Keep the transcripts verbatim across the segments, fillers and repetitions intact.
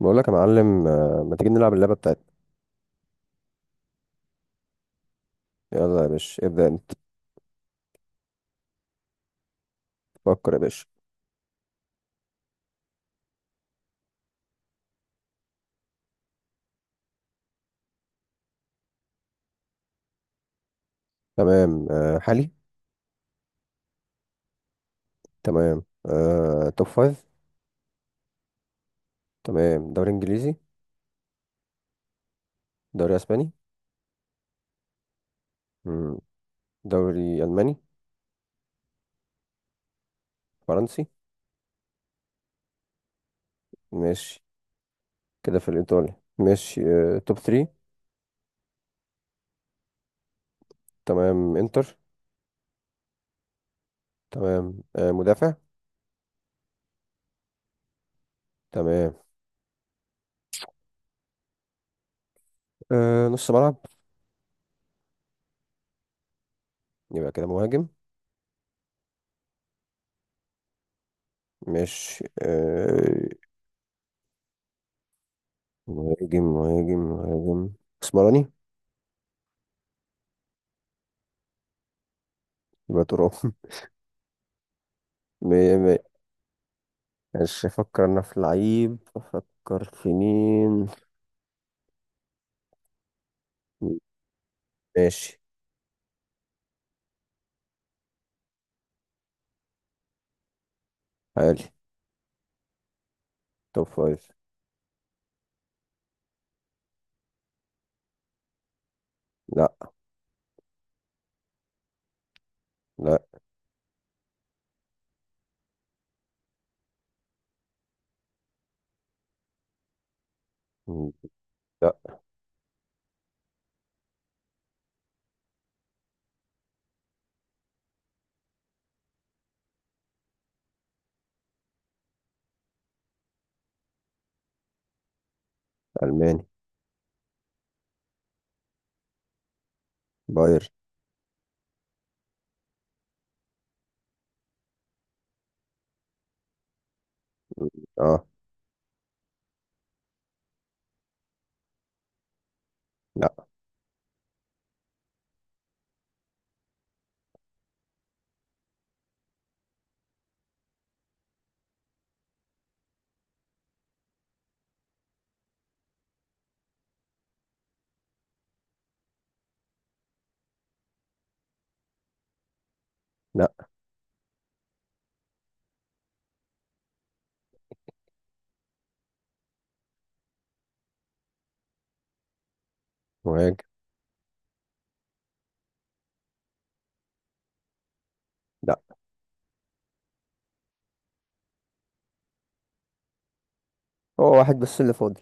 بقول لك يا معلم، آه، ما تيجي نلعب اللعبة بتاعتنا؟ يلا يا باشا، ابدأ انت. فكر يا باشا. تمام. آه، حالي؟ تمام. آه، توب فايف؟ تمام. دوري انجليزي؟ دوري اسباني؟ مم. دوري الماني؟ فرنسي؟ ماشي. كده في الايطالي، ماشي. آه، توب ثري؟ تمام. انتر؟ تمام. آه، مدافع؟ تمام. آه، نص ملعب؟ يبقى كده مهاجم. ماشي. آه، مهاجم، مهاجم، مهاجم. اسمراني؟ يبقى تراب. ماشي. افكر انا في لعيب، افكر في مين؟ ماشي. حالي. توب فايف. لا. لا. لا. الماني. باير. اه. لا. لا. مهاجم. لا. هو واحد بس اللي فاضل.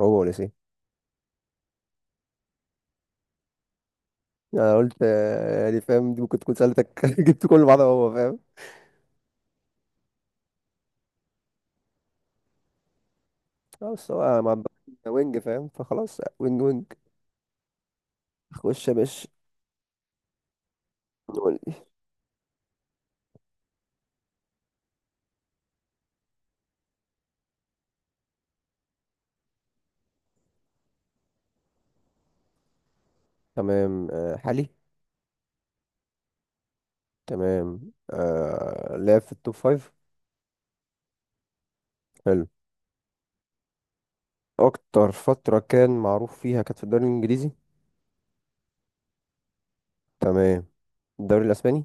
هو وليسي. انا قلت، آه، يعني فاهم، دي ممكن تكون سألتك. جبت كل بعض، هو فاهم. آه، بس هو مع، وينج، فاهم، فخلاص، وينج وينج. خش يا باشا. قول لي. تمام. آه، حالي؟ تمام. آه، لعب في التوب فايف؟ حلو. اكتر فترة كان معروف فيها كانت في الدوري الانجليزي؟ تمام. الدوري الاسباني؟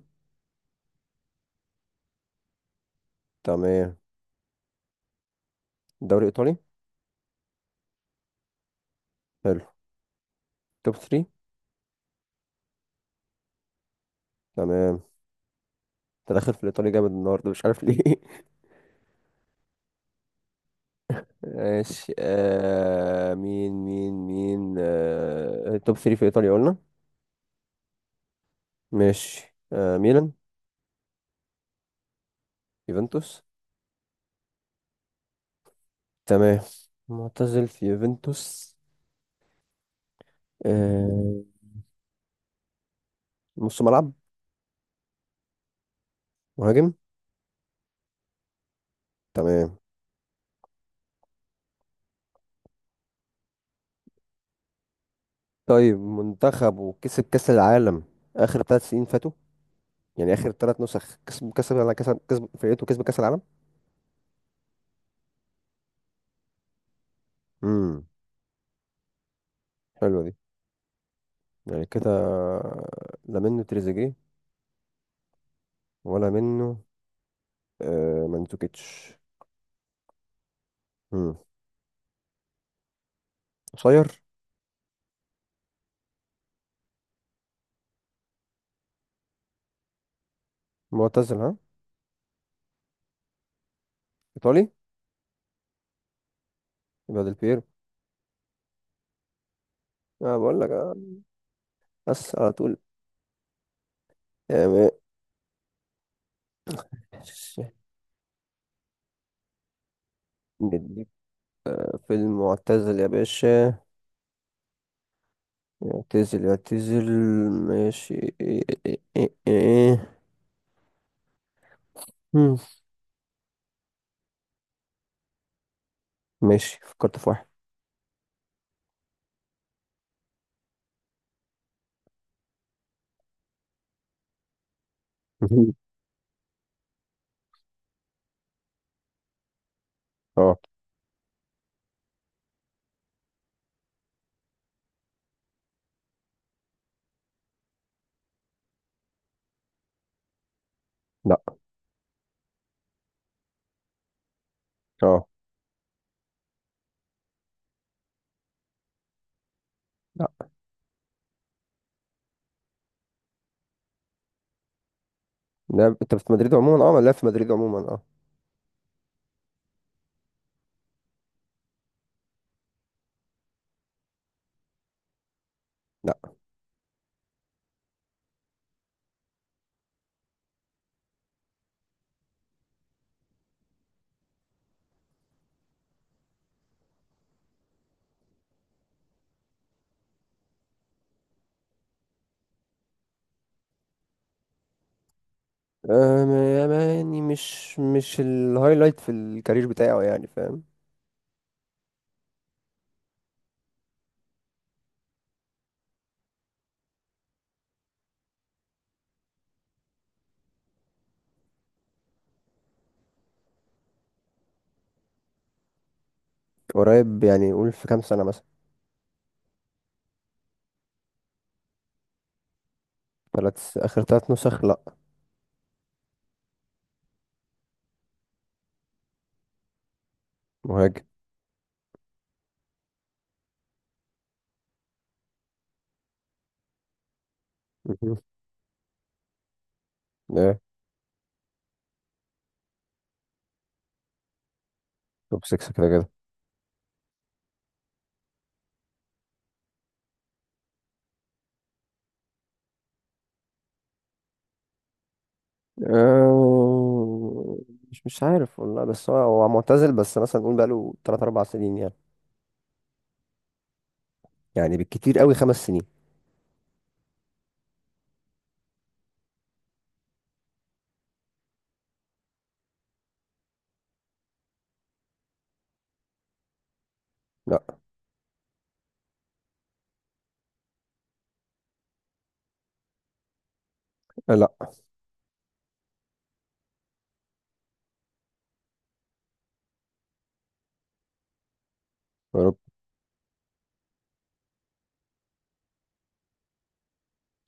تمام. الدوري الايطالي؟ حلو. توب ثلاثة؟ تمام. انت داخل في الايطالي جامد النهارده، مش عارف ليه. ماشي. آه مين، مين، مين. آه توب ثري في ايطاليا قلنا. ماشي. آه ميلان؟ يوفنتوس؟ تمام. معتزل في يوفنتوس. آه نص ملعب؟ مهاجم؟ تمام. طيب، منتخبه كسب كأس العالم آخر ثلاث سنين فاتوا، يعني اخر ثلاث نسخ كسب كسب على كسب كسب، فرقته كسب كاس العالم. امم حلوه دي، يعني كده. لا منه تريزيجيه، ولا منه؟ آه مانزوكيتش؟ امم قصير؟ معتزل، ها؟ ايطالي؟ يبقى ديل بيرو. انا بقول لك. آه، بس على طول يعني. نديك في المعتزل يا باشا. يعتزل يعتزل. ماشي. إيه، إيه، إيه، إيه. مم. ماشي، فكرت في واحد. اه. لا. اه. لا. لعب انت في مدريد عموما، اه. لعب في مدريد عموما، اه. لا. أم... يعني مش مش الهايلايت في الكارير بتاعه، يعني فاهم. قريب؟ يعني قول في كام سنة مثلا. ثلاث، آخر ثلاث نسخ، لا. مهاجم. مهم. ايه. توب سيكس، كده كده. أه، مش مش عارف والله. بس هو هو معتزل، بس مثلا نقول بقاله ثلاثة اربعة سنين يعني، يعني بالكتير قوي خمس سنين. لا. آه، لا. يا رب.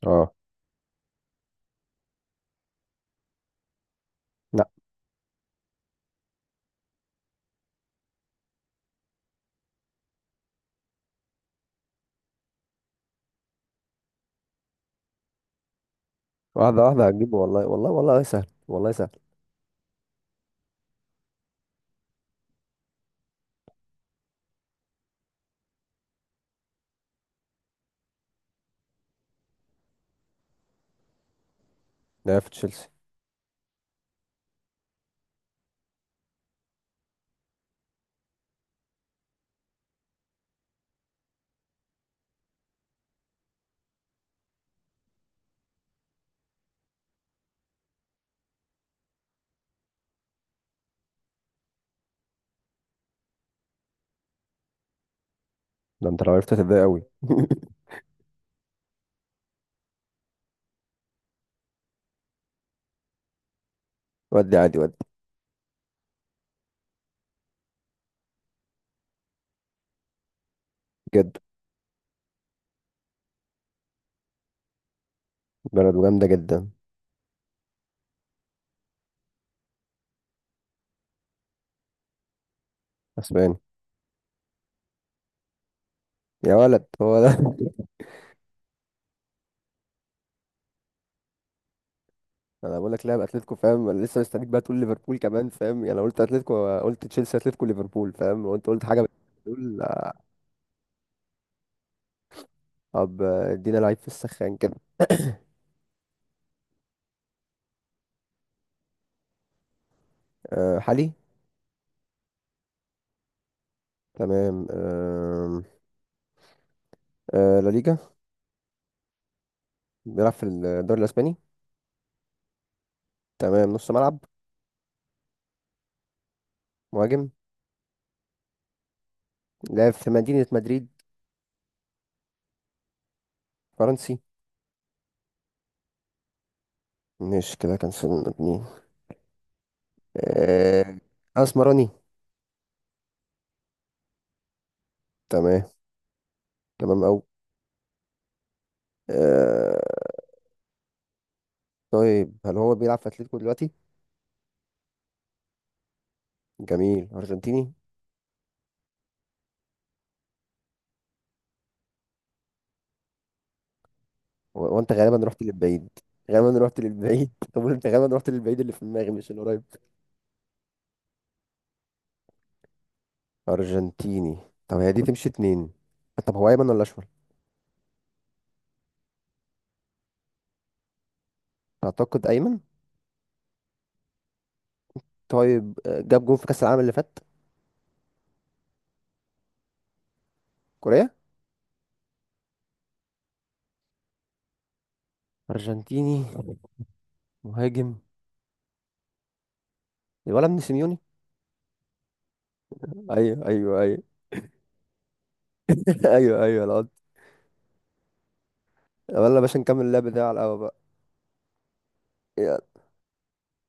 اه. لا. واحدة واحدة هتجيبه، والله والله والله سهل، والله سهل. لعب في تشيلسي. ده انت لو عرفت هتتضايق قوي. ودي عادي، ودي... جد. بلده جامده جدا. اسباني؟ يا ولد، هو ده! انا بقول لك لاعب اتلتيكو، فاهم. انا لسه مستنيك بقى تقول ليفربول كمان، فاهم؟ يعني لو قلت اتلتيكو، قلت تشيلسي، اتلتيكو، ليفربول، فاهم؟ وانت قلت حاجه بتقول. آه، طب، آه، ادينا لعيب في السخان كده. آه، حالي؟ تمام. آم، آه، لا ليجا؟ بيلعب في الدوري الاسباني؟ تمام. نص ملعب؟ مهاجم؟ لعب في مدينه مدريد؟ فرنسي؟ مش كده كان سن اتنين. آه، اسمراني؟ تمام. تمام أوي. آه طيب، هل هو بيلعب في أتلتيكو دلوقتي؟ جميل. أرجنتيني؟ و- وأنت غالبا رحت للبعيد. غالبا رحت للبعيد. طب أنت غالبا رحت للبعيد، اللي في دماغي مش القريب. أرجنتيني. طب هي دي تمشي اتنين. طب هو أيمن ولا أشول؟ أعتقد أيمن. طيب، آه، جاب جون في كأس العالم اللي فات؟ كوريا؟ أرجنتيني. مهاجم. الولد ابن سيميوني. أيوه، أيوه، أيوه. أيوه، أيوه، العض. يلا يا باشا، نكمل اللعب ده على القهوة بقى.